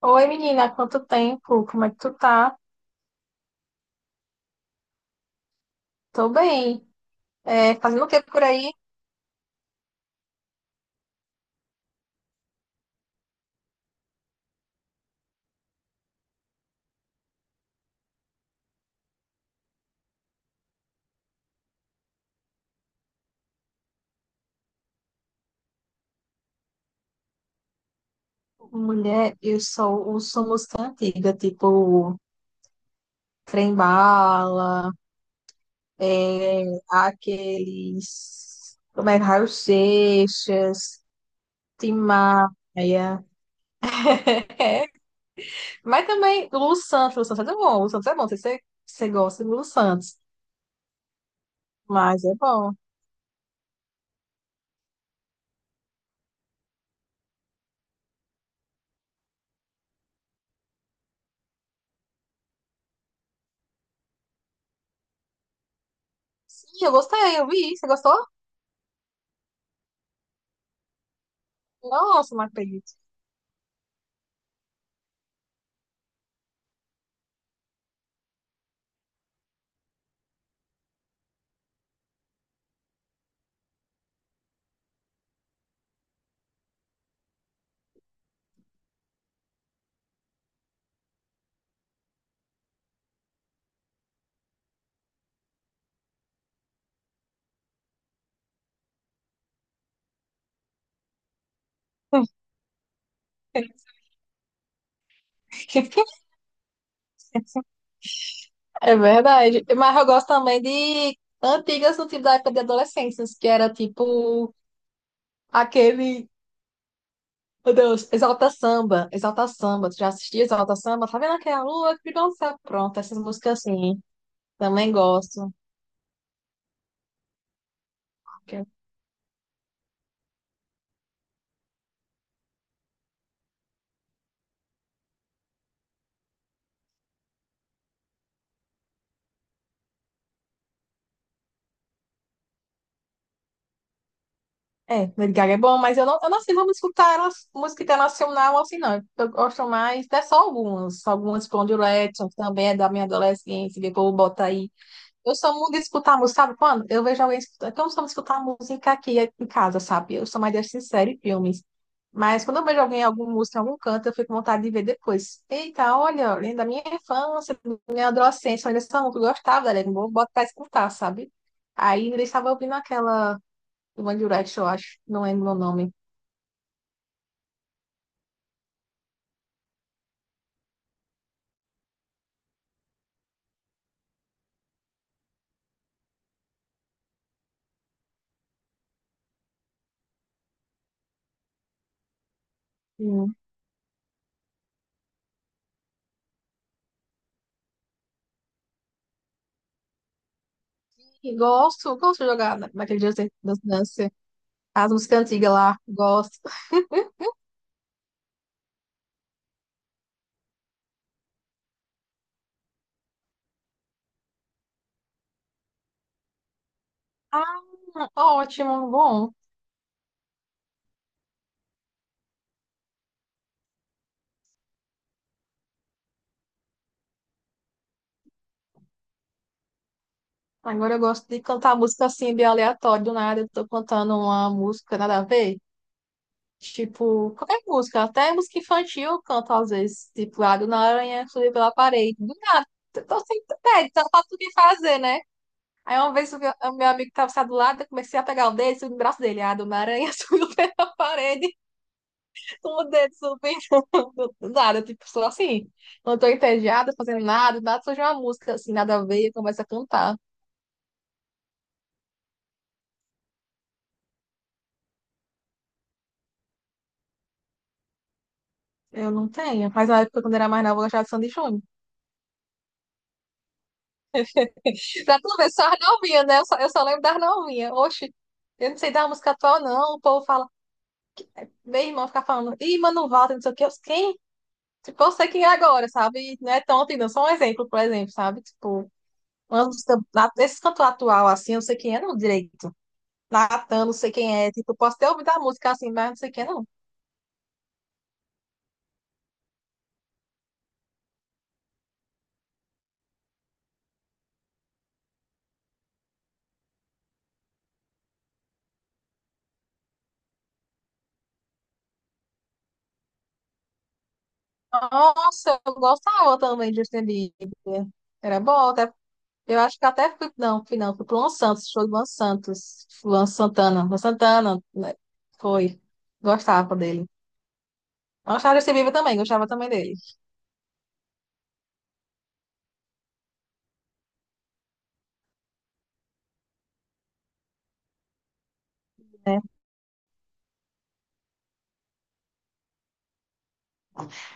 Oi, menina, quanto tempo? Como é que tu tá? Tô bem. É, fazendo o que por aí? Mulher, eu sou música antiga, tipo Trembala, é, aqueles. Como é? Raul Seixas, Tim Maia. Mas também Lu Santos, Lu Santos é bom, Lu Santos é bom, não sei se você gosta de Lu Santos, mas é bom. Sim, eu gostei, eu vi, você gostou? Nossa, não acredito. É verdade. Mas eu gosto também de antigas no tipo da época de adolescências que era tipo aquele, meu Deus, Exalta Samba, Exalta Samba. Tu já assistia Exalta Samba? Tá vendo aquela lua que brilhou no céu? Pronto, essas músicas assim. Também gosto. É, Lady Gaga é bom, mas eu não sei, vamos escutar música internacional assim, não. Eu gosto mais, até só algumas. Algumas Blonde Letton, que também é da minha adolescência, que o povo bota aí. Eu sou muito de escutar música, sabe quando? Eu vejo alguém escutando. Eu não sou muito de escutar música aqui em casa, sabe? Eu sou mais de assistir série e filmes. Mas quando eu vejo alguém, algum música em algum canto, eu fico com vontade de ver depois. Eita, olha, lembra da minha infância, da minha adolescência, olha essa música, eu gostava da Legion, vou bota pra escutar, sabe? Aí ele estava ouvindo aquela do One Direction, eu acho, não lembro o nome. Hum. E gosto, gosto de jogar naquele Just Dance, Dance, Dance, as músicas antigas lá, gosto. Ah, ótimo, bom. Agora eu gosto de cantar música assim, bem aleatória, do nada eu tô cantando uma música nada a ver. Tipo, qualquer música, até música infantil eu canto às vezes. Tipo, lá do aranha subi pela parede. Do nada, eu tô sem pé, tá pra tudo que fazer, né? Aí uma vez o meu amigo que tava sentado do lado, eu comecei a pegar o dedo, subi no braço dele. Ah, do aranha subiu pela parede, com o dedo subindo. Do nada, tipo, sou assim. Não tô entediada, fazendo nada, do nada surge uma música assim, nada a ver, começa a cantar. Eu não tenho. Mas na época, quando era mais nova, eu gostava de Sandy e Júnior. Pra tu ver, só as novinhas, né? Eu só lembro das novinhas. Oxe, eu não sei da música atual, não. O povo fala, meu irmão fica falando, ih, Mano Walter, não sei o quê. Eu, quem? Tipo, eu sei quem é agora, sabe? E não é tão antigo, não. Só um exemplo, por exemplo, sabe? Tipo, uma música, esse cantor atual, assim, eu não sei quem é, não, direito. Natan, não sei quem é. Tipo, eu posso ter ouvido a música assim, mas não sei quem é, não. Nossa, eu gostava também de Justin Bieber. Era bom, até eu acho que até fui, não, fui não, fui pro Luan Santos, show do Luan Santos, Luan Santana, Luan Santana, né? Foi. Gostava dele. Gostava desse Bieber também, gostava também dele.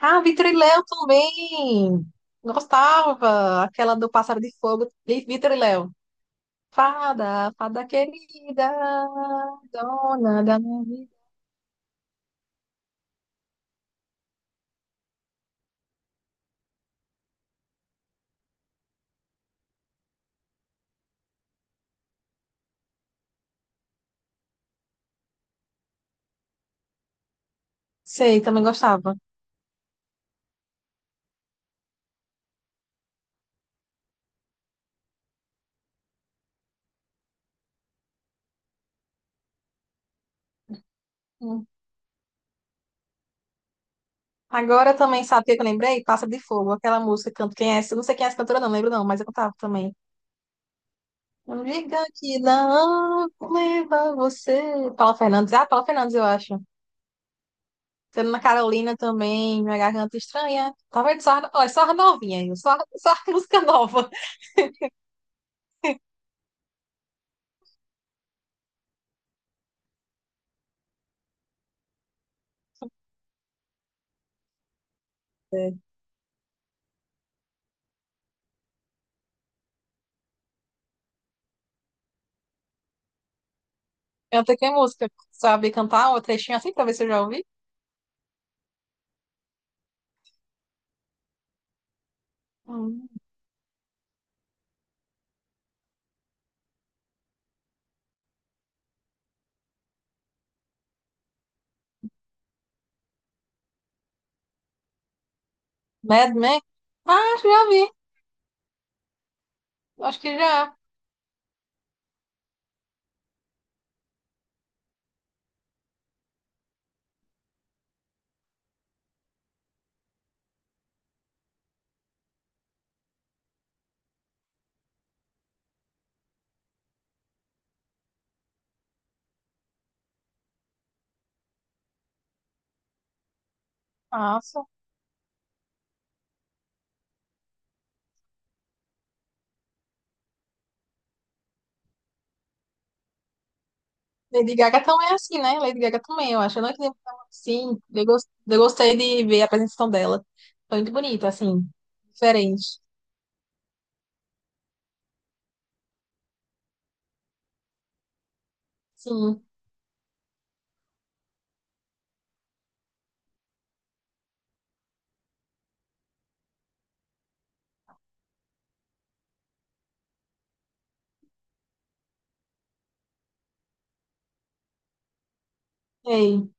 Ah, Vitor e Léo também. Gostava. Aquela do Pássaro de Fogo, e Vitor e Léo. Fada, fada querida, dona da minha vida. Sei, também gostava. Hum. Agora também, sabe o que eu lembrei? Pássaro de Fogo, aquela música, canto quem é, essa? Não sei quem é essa cantora, não lembro não, mas eu cantava também. Não diga que não leva você. Paula Fernandes. Ah, Paula Fernandes, eu acho. Selena Carolina também, Minha Garganta Estranha. Talvez só, ó, é só a novinhas, viu? Só, só a música nova. É. Canta que é música? Sabe cantar uma trechinha assim pra ver se eu já ouvi? Hum. Mad Men? Ah, acho que já ouvi. Acho que já. Nossa. Lady Gaga também é assim, né? Lady Gaga também, eu acho. Eu não entendi. Sim, eu gostei de ver a apresentação dela. Foi muito bonita, assim. Diferente. Sim. Ei.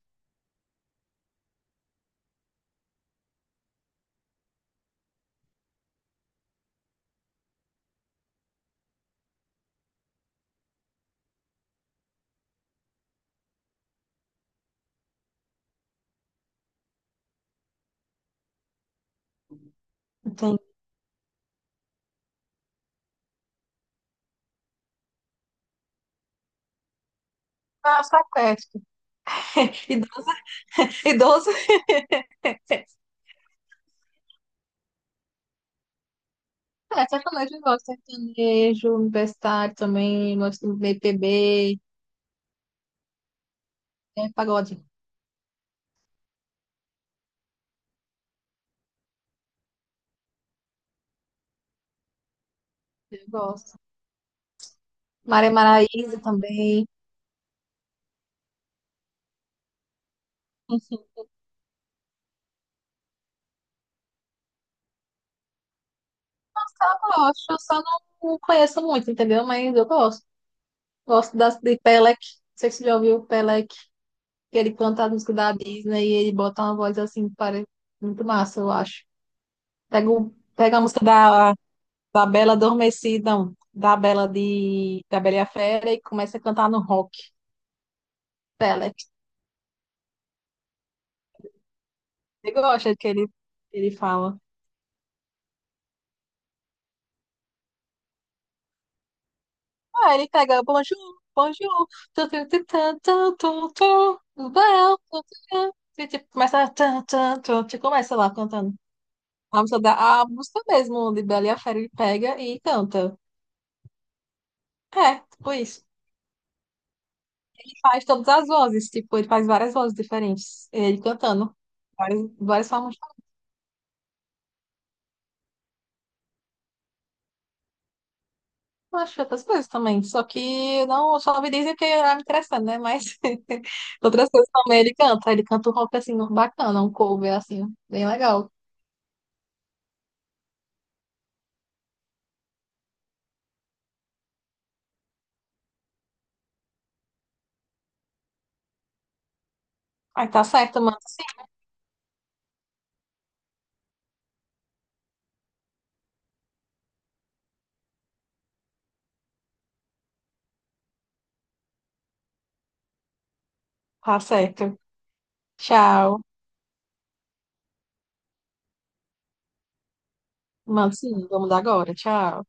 Entendi. Ah, sequestro. Idoso, idoso. É, sacanagem, eu gosto. Sertanejo, universitário também, gosto do BPB, é, pagode, eu gosto. Maria Maraíza também. Enfim, eu gosto, eu só não conheço muito, entendeu? Mas eu gosto. Gosto das, de Pelec. Não sei se você já ouviu o Pelec, que ele canta a música da Disney e ele bota uma voz assim, parece muito massa, eu acho. Pega, pega a música da Bela Adormecida, não, da Bela e a Fera e começa a cantar no rock. Bela, você gosta que ele fala. Ah, ele pega bonjour, bonjour, tu, tu, tu, tu, tu, tu, tu, well, tu, tu, tu, tu, tipo, começa tu, tu, tu, tu, começa lá cantando. A música, da, a música mesmo de Bela e a Fera ele pega e canta. É, tipo isso. Ele faz todas as vozes, tipo, ele faz várias vozes diferentes. Ele cantando. Várias, várias formas. Eu acho outras coisas também. Só que não, eu só me dizem que é me interessante, né? Mas outras coisas também ele canta. Ele canta um rock assim, bacana, um cover assim, bem legal. Aí tá certo, manda sim. Tá certo. Tchau. Manda sim, vamos dar agora. Tchau.